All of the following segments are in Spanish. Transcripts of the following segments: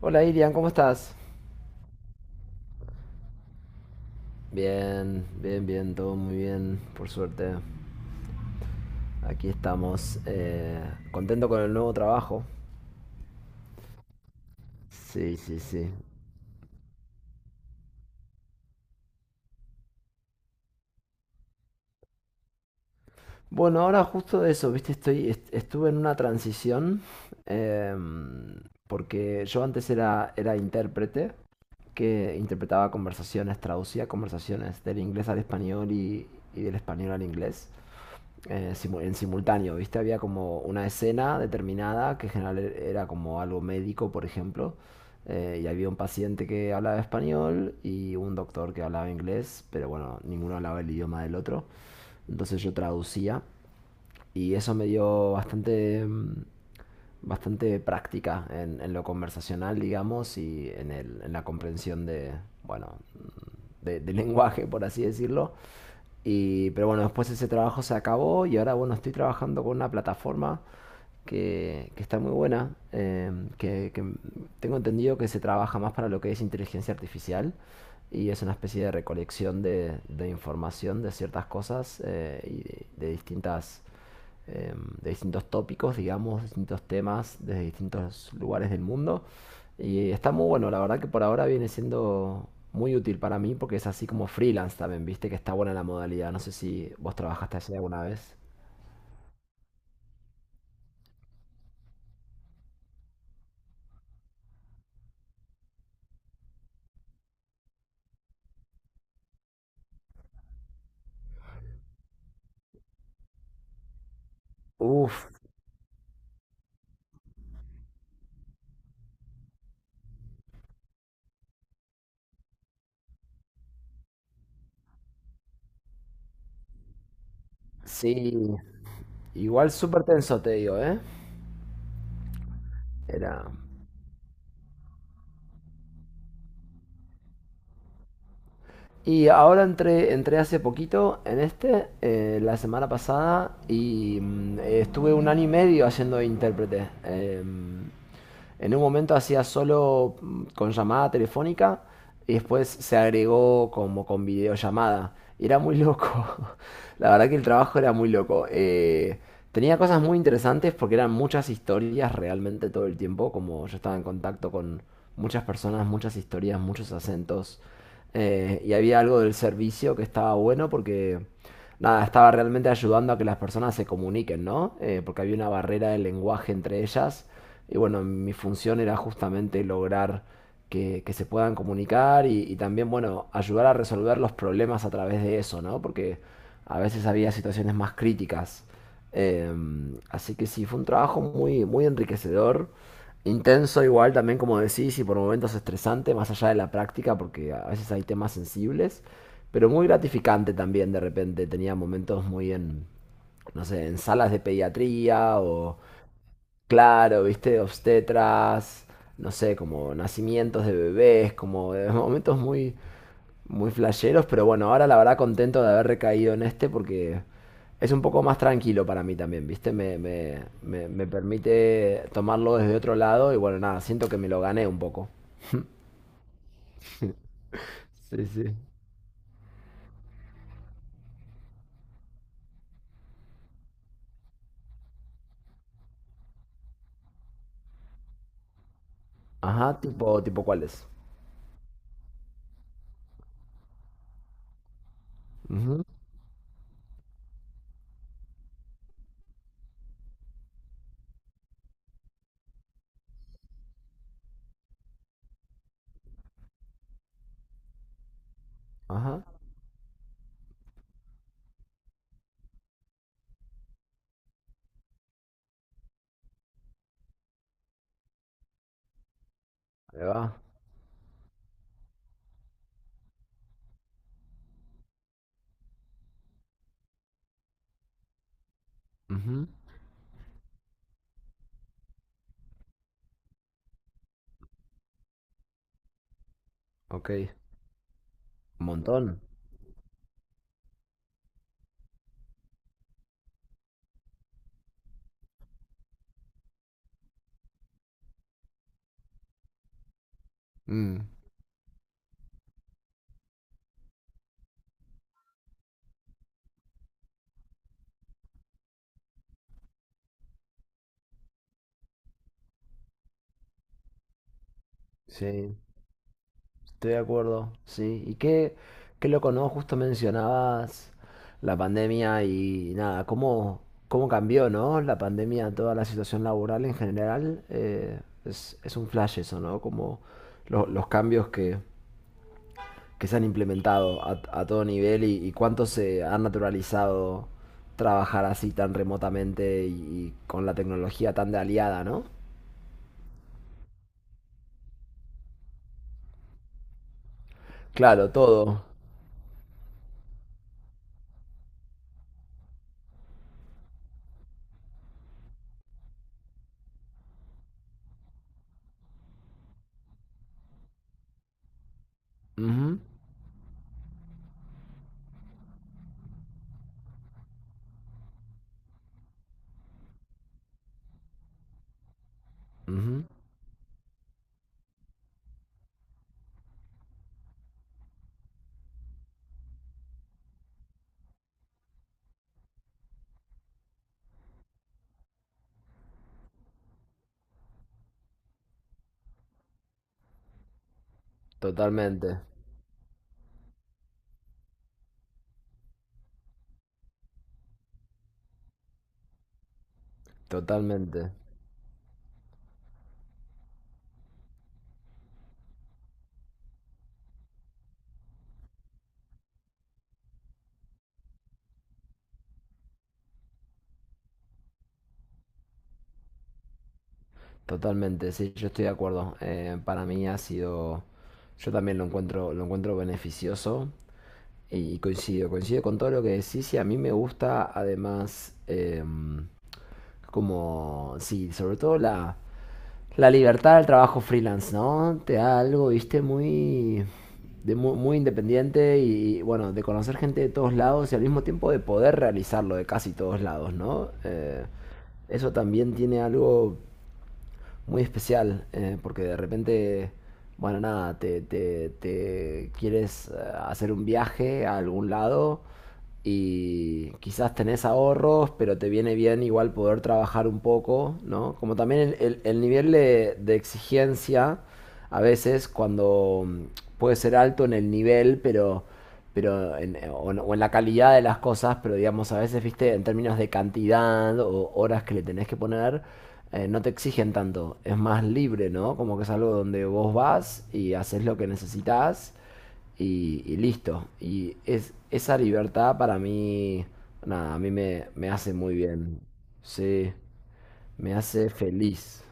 Hola Irian, ¿cómo estás? Bien, bien, bien, todo muy bien, por suerte. Aquí estamos. Contento con el nuevo trabajo. Sí, sí, sí. Bueno, ahora justo de eso, viste, estuve en una transición. em, Porque yo antes era intérprete, que interpretaba conversaciones, traducía conversaciones del inglés al español y del español al inglés. En simultáneo, ¿viste? Había como una escena determinada que en general era como algo médico, por ejemplo, y había un paciente que hablaba español y un doctor que hablaba inglés, pero bueno, ninguno hablaba el idioma del otro. Entonces yo traducía y eso me dio bastante, bastante práctica en lo conversacional, digamos, y en la comprensión de, bueno, de lenguaje, por así decirlo. Y, pero bueno, después ese trabajo se acabó y ahora, bueno, estoy trabajando con una plataforma que está muy buena, que tengo entendido que se trabaja más para lo que es inteligencia artificial y es una especie de recolección de información de ciertas cosas y eh, de distintos tópicos, digamos, distintos temas desde distintos lugares del mundo. Y está muy bueno, la verdad que por ahora viene siendo muy útil para mí porque es así como freelance también, viste que está buena la modalidad. No sé si vos trabajaste así alguna vez. Uf, sí. Igual súper tenso, te digo, ¿eh? Era... Y ahora entré hace poquito en la semana pasada, y estuve un año y medio haciendo de intérprete. En un momento hacía solo con llamada telefónica y después se agregó como con videollamada. Y era muy loco. La verdad que el trabajo era muy loco. Tenía cosas muy interesantes porque eran muchas historias realmente todo el tiempo. Como yo estaba en contacto con muchas personas, muchas historias, muchos acentos. Y había algo del servicio que estaba bueno porque, nada, estaba realmente ayudando a que las personas se comuniquen, ¿no? Porque había una barrera de lenguaje entre ellas. Y bueno, mi función era justamente lograr que se puedan comunicar y también, bueno, ayudar a resolver los problemas a través de eso, ¿no? Porque a veces había situaciones más críticas. Así que sí, fue un trabajo muy, muy enriquecedor, intenso igual también, como decís, y por momentos estresante, más allá de la práctica, porque a veces hay temas sensibles, pero muy gratificante también de repente. Tenía momentos muy no sé, en salas de pediatría o claro, viste, obstetras, no sé, como nacimientos de bebés, como de momentos muy, muy flasheros, pero bueno, ahora la verdad contento de haber recaído en este porque es un poco más tranquilo para mí también, viste, me permite tomarlo desde otro lado y bueno, nada, siento que me lo gané un poco. Sí, sí. Ajá, tipo cuáles. Ujú. Ajá. Ahí va. Ujú. Ok. Un montón. Mm. Sí. Estoy de acuerdo, sí. Y qué loco, ¿no? Justo mencionabas la pandemia y nada, cómo cambió, ¿no? La pandemia, toda la situación laboral en general, es un flash eso, ¿no? Como los cambios que se han implementado a todo nivel y cuánto se ha naturalizado trabajar así tan remotamente y con la tecnología tan de aliada, ¿no? Claro, todo. Ujú, ujú. Totalmente, totalmente. Totalmente, sí, yo estoy de acuerdo. Para mí ha sido, yo también lo encuentro beneficioso y coincido con todo lo que decís y a mí me gusta además como, sí, sobre todo la libertad del trabajo freelance, ¿no? Te da algo, viste, muy, muy, independiente y bueno, de conocer gente de todos lados y al mismo tiempo de poder realizarlo de casi todos lados, ¿no? Eso también tiene algo muy especial, porque de repente, bueno, nada, te quieres hacer un viaje a algún lado y quizás tenés ahorros, pero te viene bien igual poder trabajar un poco, ¿no? Como también el nivel de exigencia a veces cuando puede ser alto en el nivel, pero o en la calidad de las cosas, pero digamos, a veces, viste, en términos de cantidad o horas que le tenés que poner, no te exigen tanto. Es más libre, ¿no? Como que es algo donde vos vas y haces lo que necesitas y listo. Y esa libertad para mí, nada, a mí me hace muy bien. Sí, me hace feliz.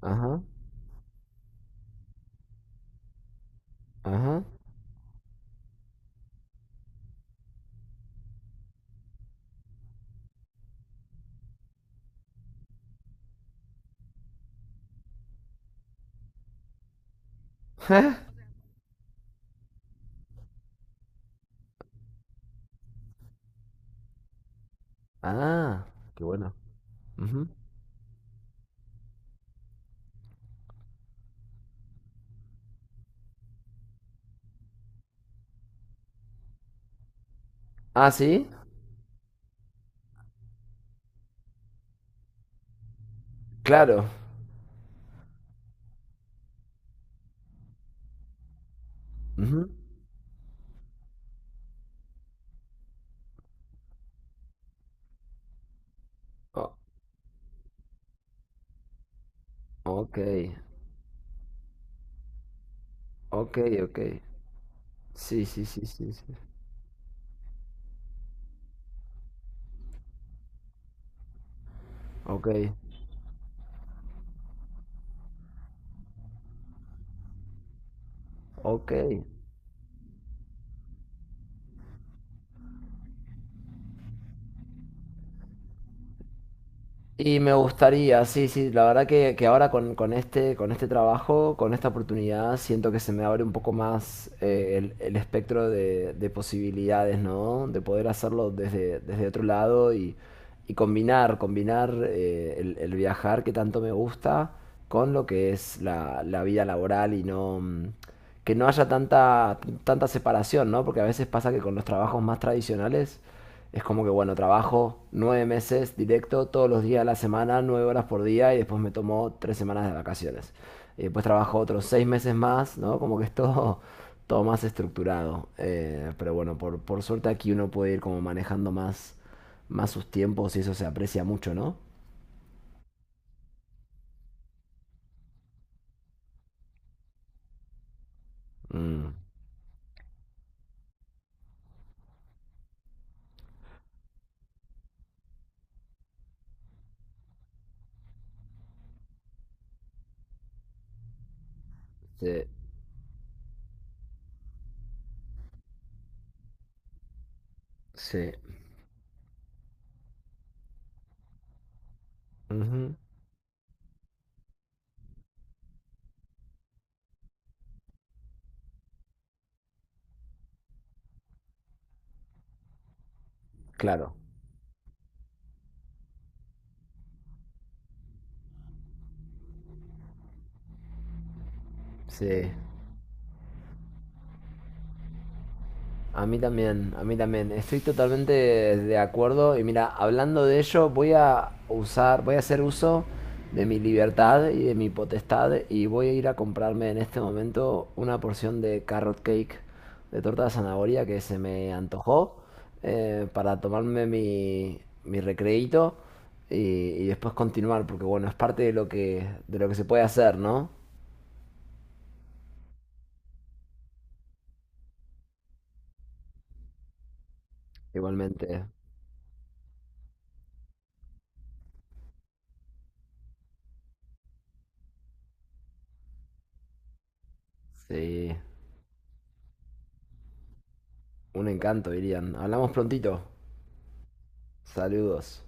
Ajá, ajá. Ah, qué bueno. Ujú. Ah, sí, claro. Ujú. O- ok, ok, ok. Sí, sí, sí, sí, sí. Ok, ok. Y me gustaría, sí, sí, la verdad que ahora con este trabajo, con esta oportunidad, siento que se me abre un poco más el, espectro de posibilidades, ¿no? De poder hacerlo desde otro lado y, combinar el viajar que tanto me gusta con lo que es la vida laboral y no, que no haya tanta separación, ¿no? Porque a veces pasa que con los trabajos más tradicionales es como que, bueno, trabajo 9 meses directo, todos los días de la semana, 9 horas por día, y después me tomo 3 semanas de vacaciones. Y después trabajo otros 6 meses más, ¿no? Como que es todo, todo más estructurado. Pero bueno, por suerte aquí uno puede ir como manejando más, más sus tiempos y eso se aprecia mucho, ¿no? Mm, sí, sí. Ujú. Claro, sí. A mí también, a mí también. Estoy totalmente de acuerdo. Y mira, hablando de ello, voy a hacer uso de mi libertad y de mi potestad y voy a ir a comprarme en este momento una porción de carrot cake de torta de zanahoria que se me antojó para tomarme mi recreíto y, y después continuar, porque bueno, es parte de lo que se puede hacer, ¿no? Igualmente, sí. Un encanto, dirían. Hablamos prontito. Saludos.